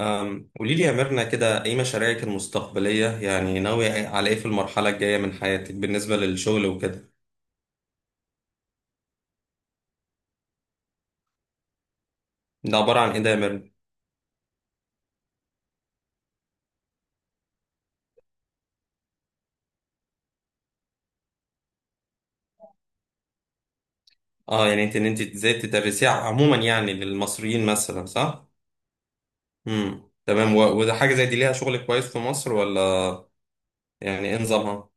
قولي لي يا ميرنا كده ايه مشاريعك المستقبلية، يعني ناوية على ايه في المرحلة الجاية من حياتك بالنسبة للشغل وكده؟ ده عبارة عن ايه ده يا ميرنا؟ اه، يعني انت ازاي تدرسيها عموما، يعني للمصريين مثلا، صح؟ تمام. وده حاجة زي دي ليها شغل كويس في مصر ولا؟ يعني ايه نظامها؟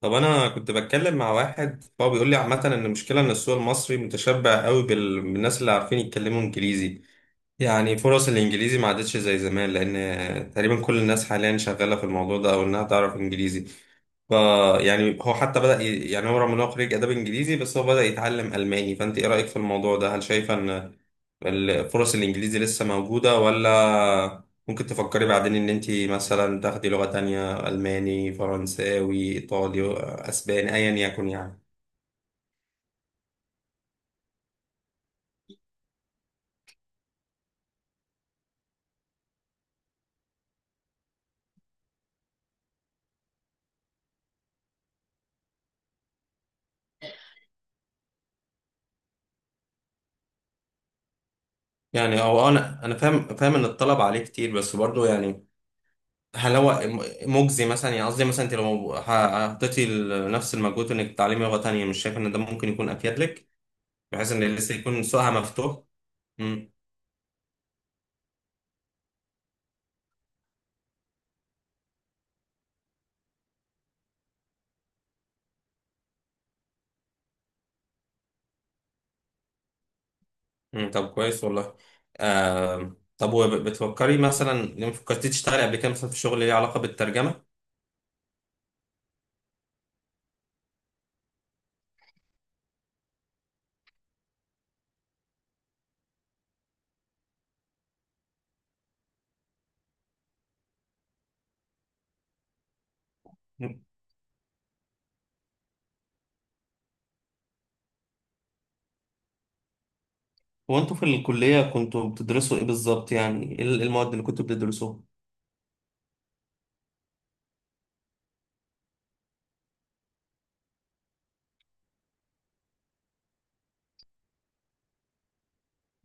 طب انا كنت بتكلم مع واحد، فهو بيقول لي عامة ان المشكلة ان السوق المصري متشبع قوي بالناس اللي عارفين يتكلموا انجليزي. يعني فرص الانجليزي ما عادتش زي زمان، لان تقريبا كل الناس حاليا شغاله في الموضوع ده او انها تعرف انجليزي. ف يعني هو حتى يعني هو رغم ان هو خريج اداب انجليزي بس هو بدا يتعلم الماني. فانت ايه رايك في الموضوع ده؟ هل شايفه ان فرص الانجليزي لسه موجوده؟ ولا ممكن تفكري بعدين ان انت مثلا تاخدي لغه تانية، الماني، فرنساوي، ايطالي، اسباني، ايا يكن يعني. يعني، او انا فاهم ان الطلب عليه كتير، بس برضه يعني، هل هو مجزي مثلا؟ يعني قصدي مثلا انت لو حطيتي نفس المجهود انك تتعلمي لغة تانية، مش شايف ان ده ممكن يكون افيد لك، بحيث ان لسه يكون سوقها مفتوح؟ امم. طب، كويس والله. طب، وبتفكري مثلا لما فكرتي تشتغلي قبل كده، مثلا في شغل ليه علاقة بالترجمة؟ مم. هو انتوا في الكلية كنتوا بتدرسوا ايه بالظبط؟ يعني ايه المواد اللي كنتوا بتدرسوها؟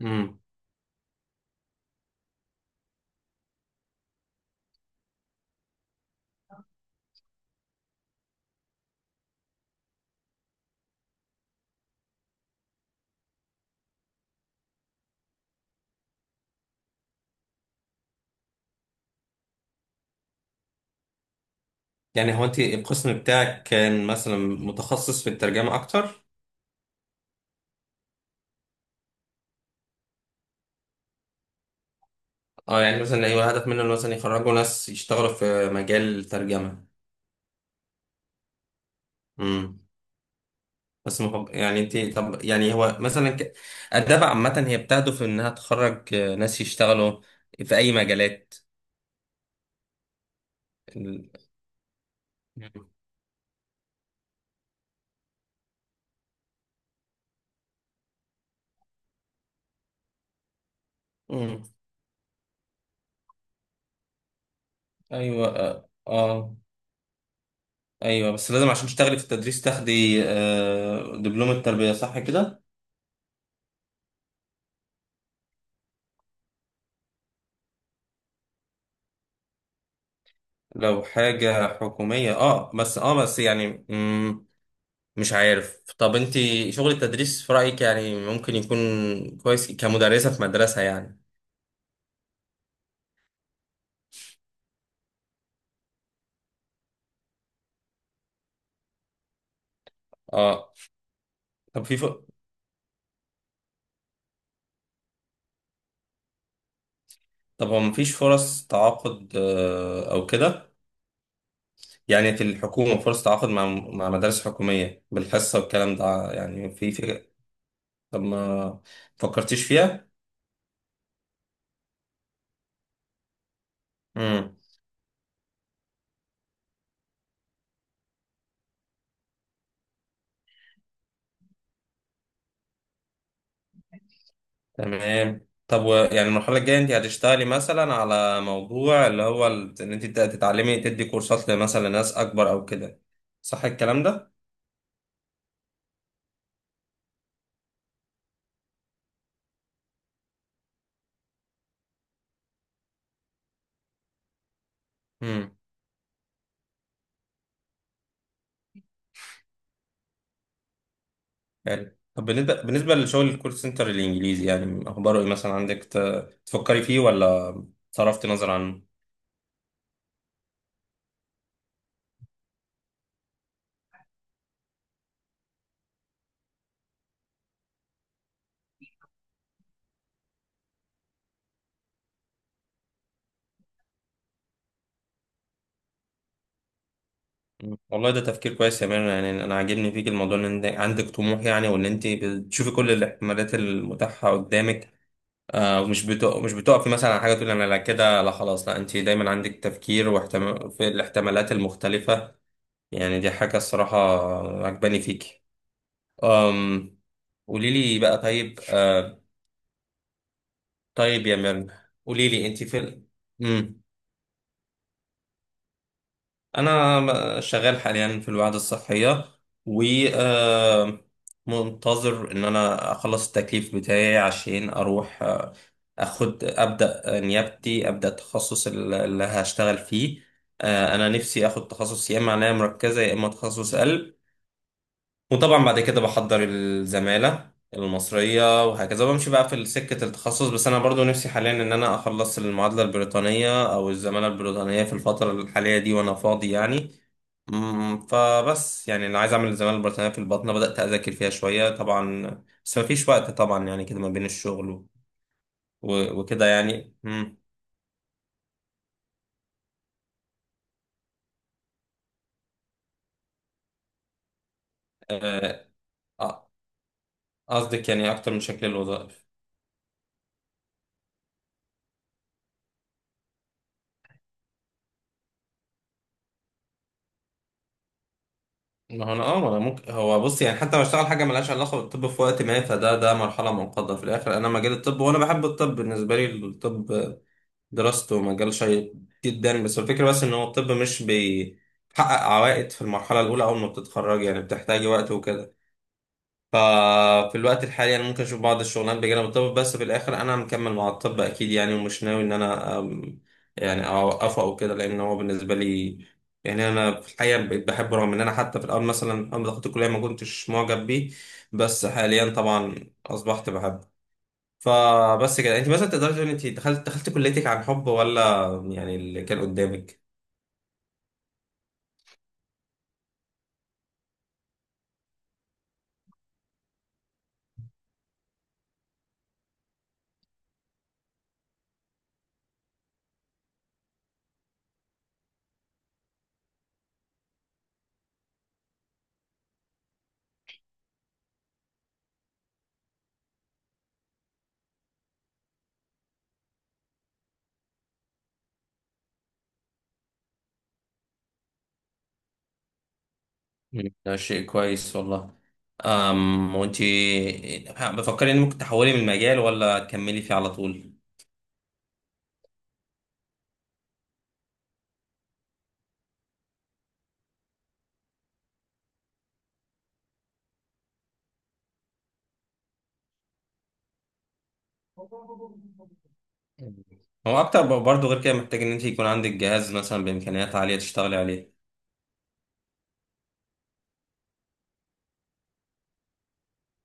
امم. يعني، هو انت القسم بتاعك كان مثلا متخصص في الترجمة اكتر؟ اه، يعني مثلا، ايوه، هدف منه إن مثلا يخرجوا ناس يشتغلوا في مجال الترجمه. امم. بس يعني انت، طب، يعني هو مثلا الدفع عامه هي بتهدف انها تخرج ناس يشتغلوا في اي مجالات؟ ال- امم. ايوه، اه، ايوه، بس لازم عشان تشتغلي في التدريس تاخدي دبلوم التربيه، صح كده؟ لو حاجه حكوميه، اه بس يعني، مش عارف. طب انت، شغل التدريس في رأيك يعني ممكن يكون كويس كمدرسة في مدرسة يعني؟ اه. طب في ف... طب هو مفيش فرص تعاقد او كده؟ يعني في الحكومة فرص تعاقد مع مدارس حكومية بالحصة والكلام ده، يعني في. طب ما فكرتيش فيها؟ امم. تمام. طب، يعني المرحلة الجاية انت هتشتغلي مثلا على موضوع اللي هو ان انت تتعلمي تدي كورسات مثلا لناس اكبر او كده، صح الكلام ده؟ يعني طب، بالنسبة لشغل الكول سنتر الإنجليزي، يعني أخباره إيه؟ مثلا عندك تفكري فيه، ولا صرفت نظر عنه؟ مم. والله ده تفكير كويس يا ميرنا. يعني أنا عاجبني فيك الموضوع إن أنت عندك طموح، يعني، وإن أنت بتشوفي كل الاحتمالات المتاحة قدامك. ومش مش بتقفي مثلا على حاجة تقولي أنا لا، كده لا، خلاص لا. أنت دايما عندك تفكير واحتمال في الاحتمالات المختلفة. يعني دي حاجة الصراحة عجباني فيك. أم... قولي لي بقى. طيب، طيب يا مرن، قولي لي انت في مم. انا شغال حاليا في الوحده الصحيه، و آه، منتظر ان انا اخلص التكليف بتاعي، عشان اروح اخد، ابدا نيابتي، ابدا التخصص اللي هشتغل فيه. انا نفسي اخد تخصص يا اما عنايه مركزه يا اما تخصص قلب. وطبعا بعد كده بحضر الزمالة المصرية وهكذا، بمشي بقى في سكة التخصص. بس أنا برضو نفسي حاليا إن أنا أخلص المعادلة البريطانية أو الزمالة البريطانية في الفترة الحالية دي وأنا فاضي يعني. فبس يعني اللي عايز أعمل الزمالة البريطانية في البطنة، بدأت أذاكر فيها شوية طبعا. بس مفيش وقت طبعا، يعني كده ما بين الشغل وكده يعني. آه، آه، قصدك يعني أكتر من شكل الوظائف؟ ما انا ممكن، هو بص يعني حتى لو اشتغل حاجه ملهاش علاقه بالطب في وقت ما، فده مرحله منقضه. في الاخر انا مجال الطب وانا بحب الطب. بالنسبه لي الطب دراسته مجال شيق جدا. بس الفكره بس ان هو الطب مش بيحقق عوائد في المرحله الاولى اول ما بتتخرج، يعني بتحتاج وقت وكده. ففي الوقت الحالي انا ممكن اشوف بعض الشغلانات بجانب الطب، بس في الاخر انا مكمل مع الطب اكيد يعني، ومش ناوي ان انا يعني اوقفه او كده، لان هو بالنسبه لي، يعني، انا في الحقيقه بقيت بحبه، رغم ان انا حتى في الاول مثلا اول ما دخلت الكليه ما كنتش معجب بيه. بس حاليا طبعا اصبحت بحبه. فبس كده، انت مثلا تقدري تقولي انت دخلت كليتك عن حب ولا؟ يعني اللي كان قدامك. ده شيء كويس والله. وانتي بفكري ان ممكن تحولي من المجال ولا تكملي فيه على طول؟ هو اكتر برضه، غير كده محتاج ان انت يكون عندك جهاز مثلا بامكانيات عاليه تشتغلي عليه.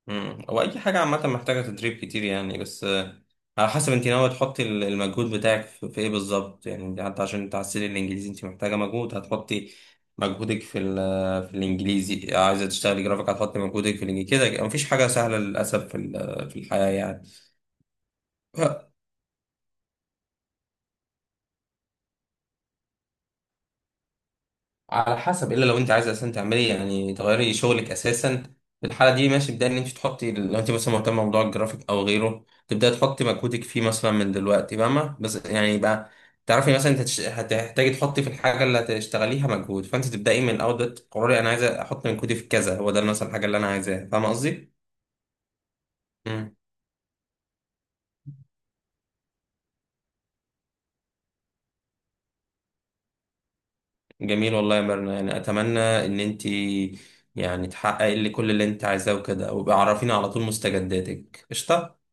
هو اي حاجه عامه محتاجه تدريب كتير يعني، بس على حسب انت ناوي تحطي المجهود بتاعك في ايه بالظبط، يعني انت حتى عشان تعسلي الانجليزي انت محتاجه مجهود، هتحطي مجهودك في الانجليزي، عايزه تشتغلي جرافيك هتحطي مجهودك في الانجليزي، كده مفيش حاجه سهله للاسف في الحياه يعني. على حسب، الا لو انت عايزه اساسا تعملي، يعني تغيري شغلك اساسا، في الحاله دي ماشي، ابداي ان انت تحطي، لو انت مثلا مهتمه بموضوع الجرافيك او غيره تبداي تحطي مجهودك فيه مثلا من دلوقتي، فاهمه؟ بس يعني يبقى تعرفي مثلا انت هتحتاجي تحطي في الحاجه اللي هتشتغليها مجهود، فانت تبداي من الاول دلوقتي تقرري انا عايزه احط مجهودي في كذا، هو ده مثلا الحاجه اللي انا عايزاها، فاهمه قصدي؟ مم. جميل والله يا مرنا، يعني اتمنى ان انت يعني تحققي اللي كل اللي انت عايزاه وكده، وابقى عرفيني على طول مستجداتك، قشطه.